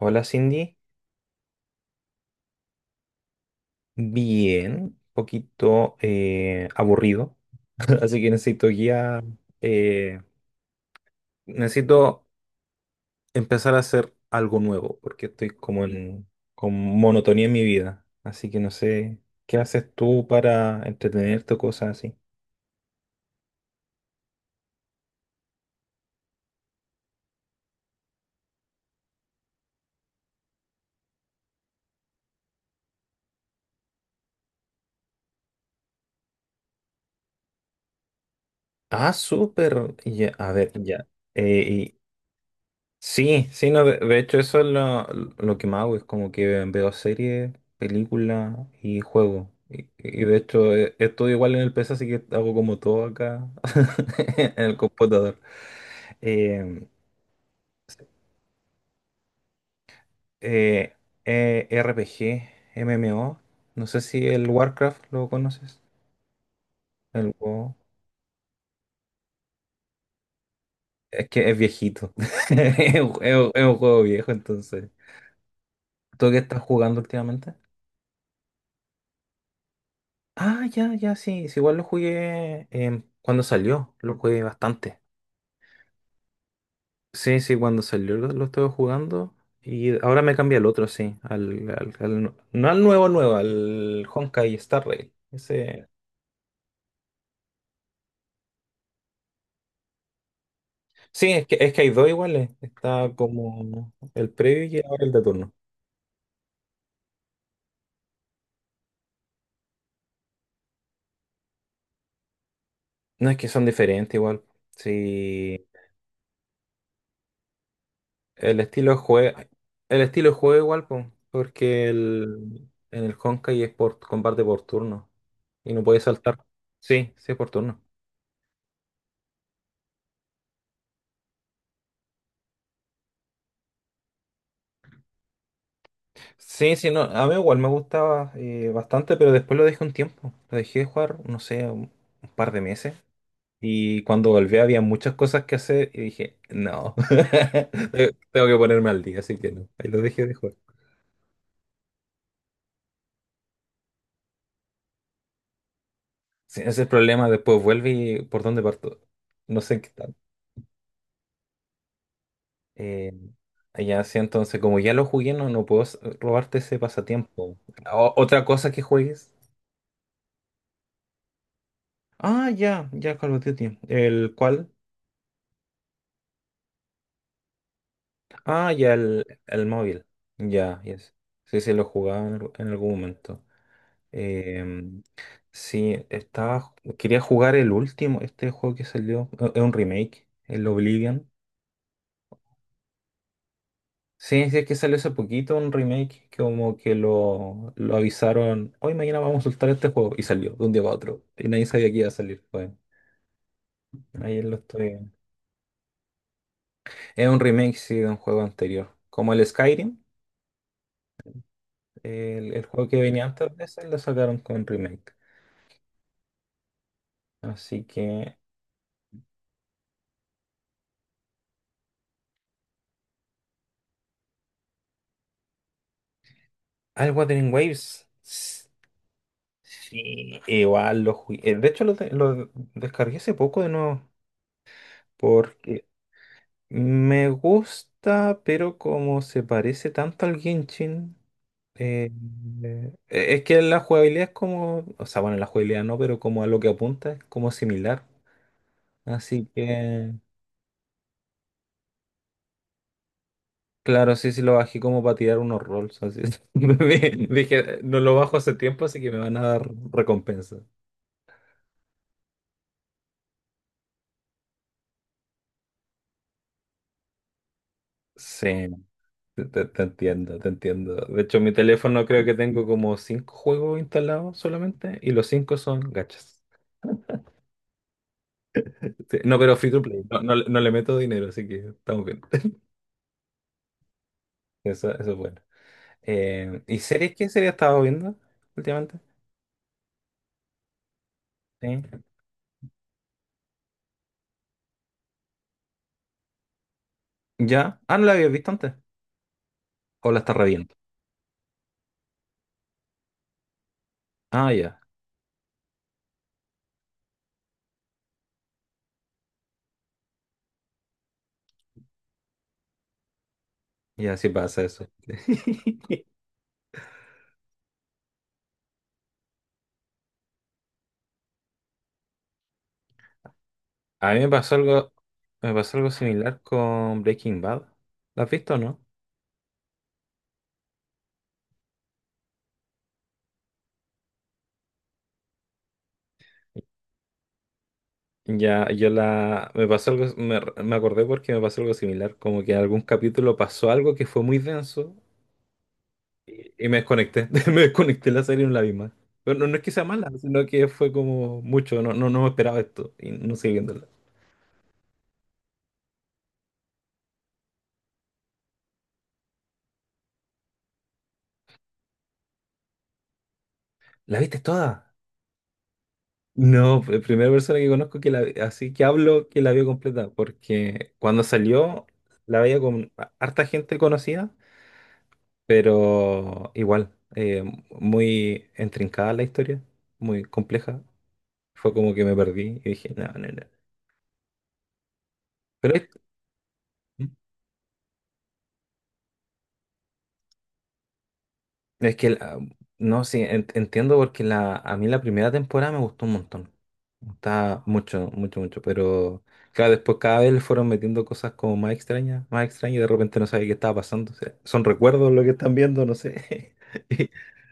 Hola Cindy, bien, poquito aburrido, así que necesito guía, eh, necesito empezar a hacer algo nuevo porque estoy como en con monotonía en mi vida, así que no sé, ¿qué haces tú para entretenerte o cosas así? Ah, súper, ya, a ver, ya. Sí, sí, no, de hecho eso es lo que más hago, es como que veo series, películas y juegos. Y de hecho igual en el PC, así que hago como todo acá en el computador. Eh, eh, RPG, MMO, no sé si el Warcraft lo conoces, el WoW. Es que es viejito, es un juego viejo, entonces. ¿Tú qué estás jugando últimamente? Ah, ya, ya, sí, sí, igual lo jugué cuando salió, lo jugué bastante. Sí, sí, cuando salió lo estuve jugando y ahora me cambié al otro, sí, no al nuevo nuevo, al Honkai Star Rail. Ese... Sí, es que hay dos iguales, está como el previo y ahora el de turno. No, es que son diferentes igual, sí. El estilo de juego, el estilo de juego igual, po, porque en el Honkai es por combate por turno y no puedes saltar. Sí, sí es por turno. Sí, sí, no, a mí igual me gustaba bastante, pero después lo dejé un tiempo. Lo dejé de jugar, no sé, un par de meses. Y cuando volví había muchas cosas que hacer y dije, no, tengo que ponerme al día, así que no. Ahí lo dejé de jugar. Sí, ese es el problema, después vuelve y por dónde parto. No sé en qué está. Eh, ya, sí, entonces, como ya lo jugué, no, no puedo robarte ese pasatiempo. ¿Otra cosa que juegues? Ah, ya, ya, Call of Duty. ¿El cuál? Ah, ya, el móvil. Ya, yes. Sí, sí, lo jugaba en, en algún momento. Em, sí, quería jugar el último, este juego que salió, es un remake, el Oblivion. Sí, sí, es que salió hace poquito un remake que como que lo avisaron, hoy mañana vamos a soltar este juego y salió de un día para otro y nadie sabía que iba a salir. Bueno, ayer lo estoy. Es un remake, sí, de un juego anterior, como el Skyrim, el juego que venía antes de ese, lo sacaron con remake. Así que, ah, el Wuthering Waves. S- sí, igual lo jugué. De hecho, lo descargué hace poco de nuevo. Porque me gusta, pero como se parece tanto al Genshin, eh, es que la jugabilidad es como, o sea, bueno, la jugabilidad no, pero como a lo que apunta es como similar. Así que, claro, sí, sí lo bajé como para tirar unos rolls. Así es. Dije, no lo bajo hace tiempo, así que me van a dar recompensa. Sí, te entiendo, te entiendo. De hecho, en mi teléfono creo que tengo como cinco juegos instalados solamente y los cinco son gachas. Sí. No, pero free to play. No, no, le no le meto dinero, así que estamos bien. Eso es bueno. ¿Y series? ¿Qué serie has estado viendo últimamente? Sí. ¿Ya? Ah, ¿no la habías visto antes? ¿O la estás reviendo? Ah, ya. Ya, sí pasa eso. A mí me pasó algo similar con Breaking Bad. ¿La has visto o no? Ya, yo la, me pasó algo, me acordé porque me pasó algo similar, como que en algún capítulo pasó algo que fue muy denso. Y me desconecté, me desconecté de la serie en la misma. Pero no, no es que sea mala, sino que fue como mucho, no, no, no me esperaba esto y no seguí viéndola. ¿La viste toda? No, la primera persona que conozco que la, así que hablo que la vio completa, porque cuando salió la veía con harta gente conocida, pero igual, muy intrincada la historia, muy compleja. Fue como que me perdí y dije, no, no, no. Pero, es que, no, sí, entiendo porque la, a mí la primera temporada me gustó un montón. Me gustaba mucho, mucho, mucho. Pero, claro, después cada vez le fueron metiendo cosas como más extrañas y de repente no sabía qué estaba pasando. O sea, son recuerdos lo que están viendo, no sé.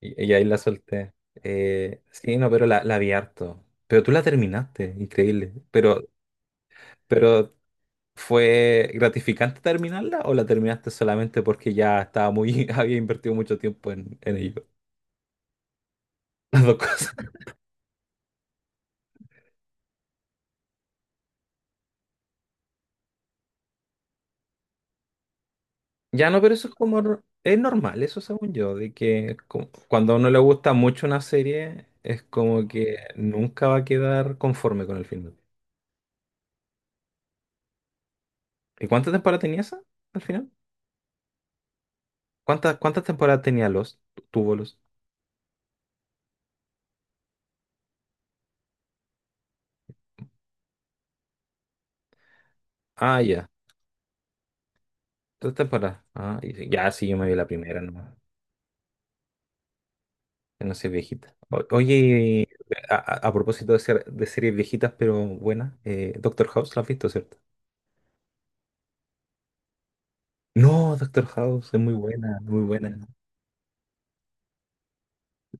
Y, y ahí la solté. Sí, no, pero la vi harto. Pero tú la terminaste, increíble. Pero, ¿fue gratificante terminarla o la terminaste solamente porque ya estaba muy, había invertido mucho tiempo en ello? Las dos cosas. Ya no, pero eso es como... Es normal, eso según yo, de que cuando a uno le gusta mucho una serie, es como que nunca va a quedar conforme con el final. ¿Y cuántas temporadas tenía esa al final? ¿Cuántas, cuántas temporadas tenía los? Tuvo los. Ah, ya. 3 temporadas. Ah, y sí, ya sí, yo me vi la primera nomás. Que no sé, viejita. Oye, a, a propósito de, ser, de series viejitas pero buenas, Doctor House, ¿la has visto, cierto? No, Doctor House es muy buena, muy buena.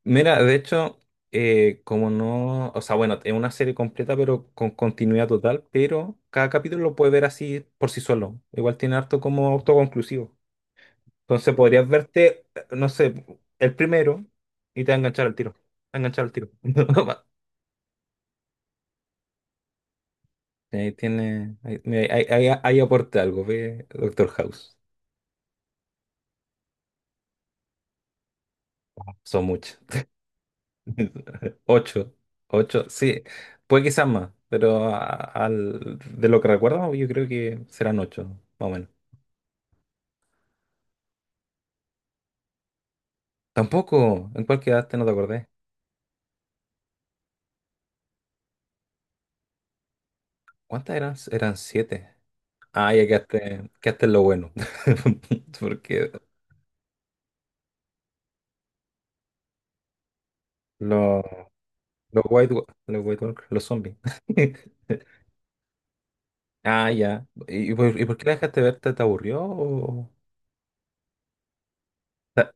Mira, de hecho, como no, o sea, bueno, es una serie completa, pero con continuidad total, pero cada capítulo lo puedes ver así por sí solo. Igual tiene harto como autoconclusivo. Entonces podrías verte, no sé, el primero y te va a enganchar al tiro. Te va a enganchar al tiro. Ahí tiene, ahí, mira, ahí aporta algo, ve, Doctor House. Son muchas. 8, 8, sí, puede quizás más, pero de lo que recuerdo, yo creo que serán 8, más o menos. Tampoco. ¿En cuál quedaste? No te acordé. ¿Cuántas eran? Eran 7. Ah, ya quedaste, quedaste en lo bueno. Porque los, los White, los White Walkers, los zombies. Ah, ya. Y por qué la dejaste ver? ¿Te, te aburrió? O- Ta-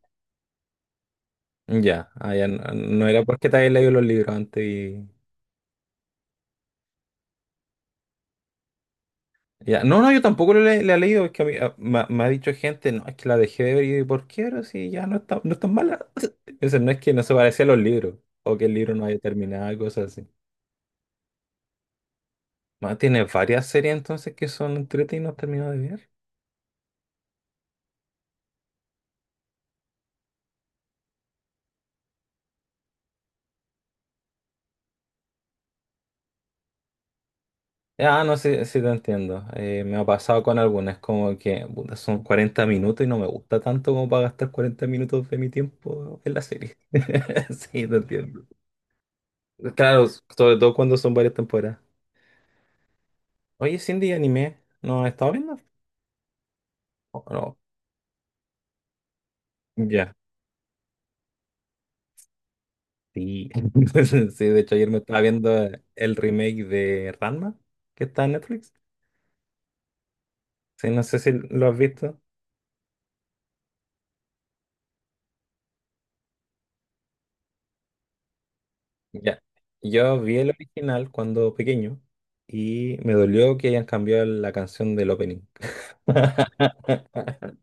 ya, ah, ya. No, no era porque te habías leído los libros antes. Ya, no, no, yo tampoco le he leído, es que a mí, me, me ha dicho gente, no, es que la dejé de ver y ¿por qué? Pero si ya no está, no es tan mala. Entonces no es que no se parecía a los libros, o que el libro no haya terminado, cosas así. Más tiene varias series entonces que son entretenidas y no he terminado de ver. Ah, no sé si te entiendo. Me ha pasado con algunas, como que puta, son 40 minutos y no me gusta tanto como para gastar 40 minutos de mi tiempo en la serie. Sí, te entiendo. Claro, sobre todo cuando son varias temporadas. Oye, Cindy, anime, ¿no has estado viendo? Oh, no, ya, sí. Sí, de hecho ayer me estaba viendo el remake de Ranma, que está en Netflix. Sí, no sé si lo has visto. Ya. Yo vi el original cuando pequeño y me dolió que hayan cambiado la canción del opening.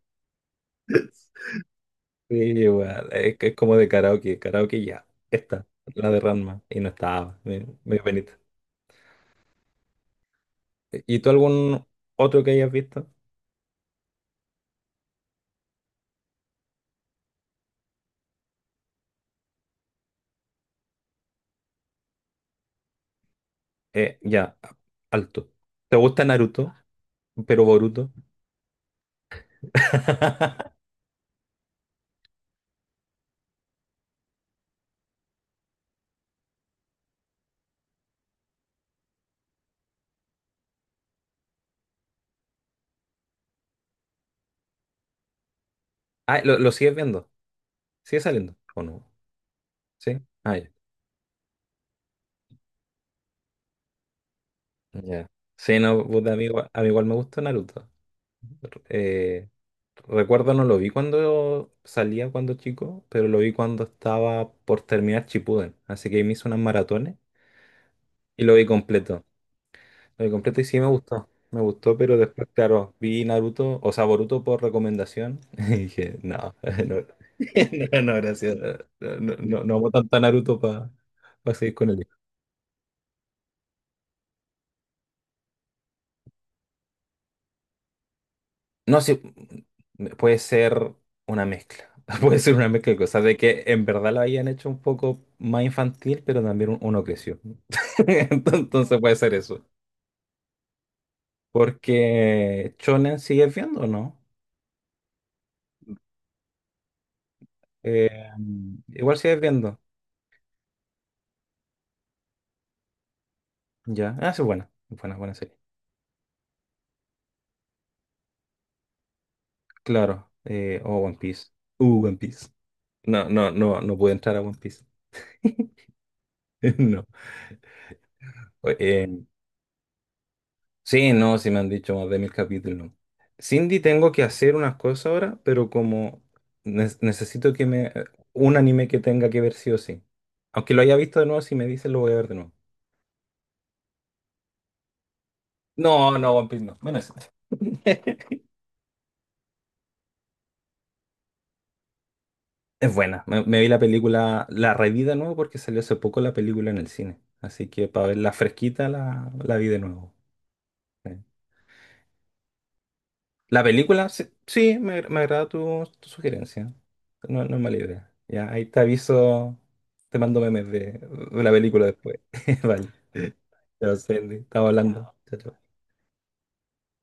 Sí, igual, es que es como de karaoke, karaoke ya, esta, la de Ranma, y no estaba, me dio penita. ¿Y tú algún otro que hayas visto? Ya, alto. ¿Te gusta Naruto, pero Boruto? Ah, lo sigues viendo? ¿Sigue saliendo? ¿O no? ¿Sí? Ah, ya. Ya. Sí, no, puta, a mí igual me gusta Naruto. Eh, recuerdo, no lo vi cuando salía cuando chico, pero lo vi cuando estaba por terminar Shippuden. Así que ahí me hice unas maratones y lo vi completo. Lo vi completo y sí me gustó. Me gustó, pero después, claro, vi Naruto, o sea, Boruto por recomendación y dije, no, no, no, no, gracias. No, no, no, no amo tanto a Naruto para seguir con él. No sé, puede ser una mezcla. Puede ser una mezcla de cosas, de que en verdad lo hayan hecho un poco más infantil, pero también uno creció. Entonces puede ser eso. Porque Shonen sigues viendo, o ¿no? Eh, igual sigues viendo. Ya. Ah, sí, buena. Buena, buena serie. Claro. Oh, One Piece. One Piece. No, no, no, no pude entrar a One Piece. No. Sí, no, sí me han dicho más de 1.000 capítulos, ¿no? Cindy, tengo que hacer unas cosas ahora, pero como necesito que me... un anime que tenga que ver sí o sí. Aunque lo haya visto de nuevo, si me dices lo voy a ver de nuevo. No, no, One Piece no. Bueno, eso. Es buena. Me vi la película, la reví de nuevo porque salió hace poco la película en el cine. Así que para verla fresquita la vi de nuevo. La película, sí, sí, me agrada tu sugerencia. No, no es mala idea. Ya, ahí te aviso, te mando memes de la película después. Vale, ya, Sandy, estamos hablando. Chao, chao.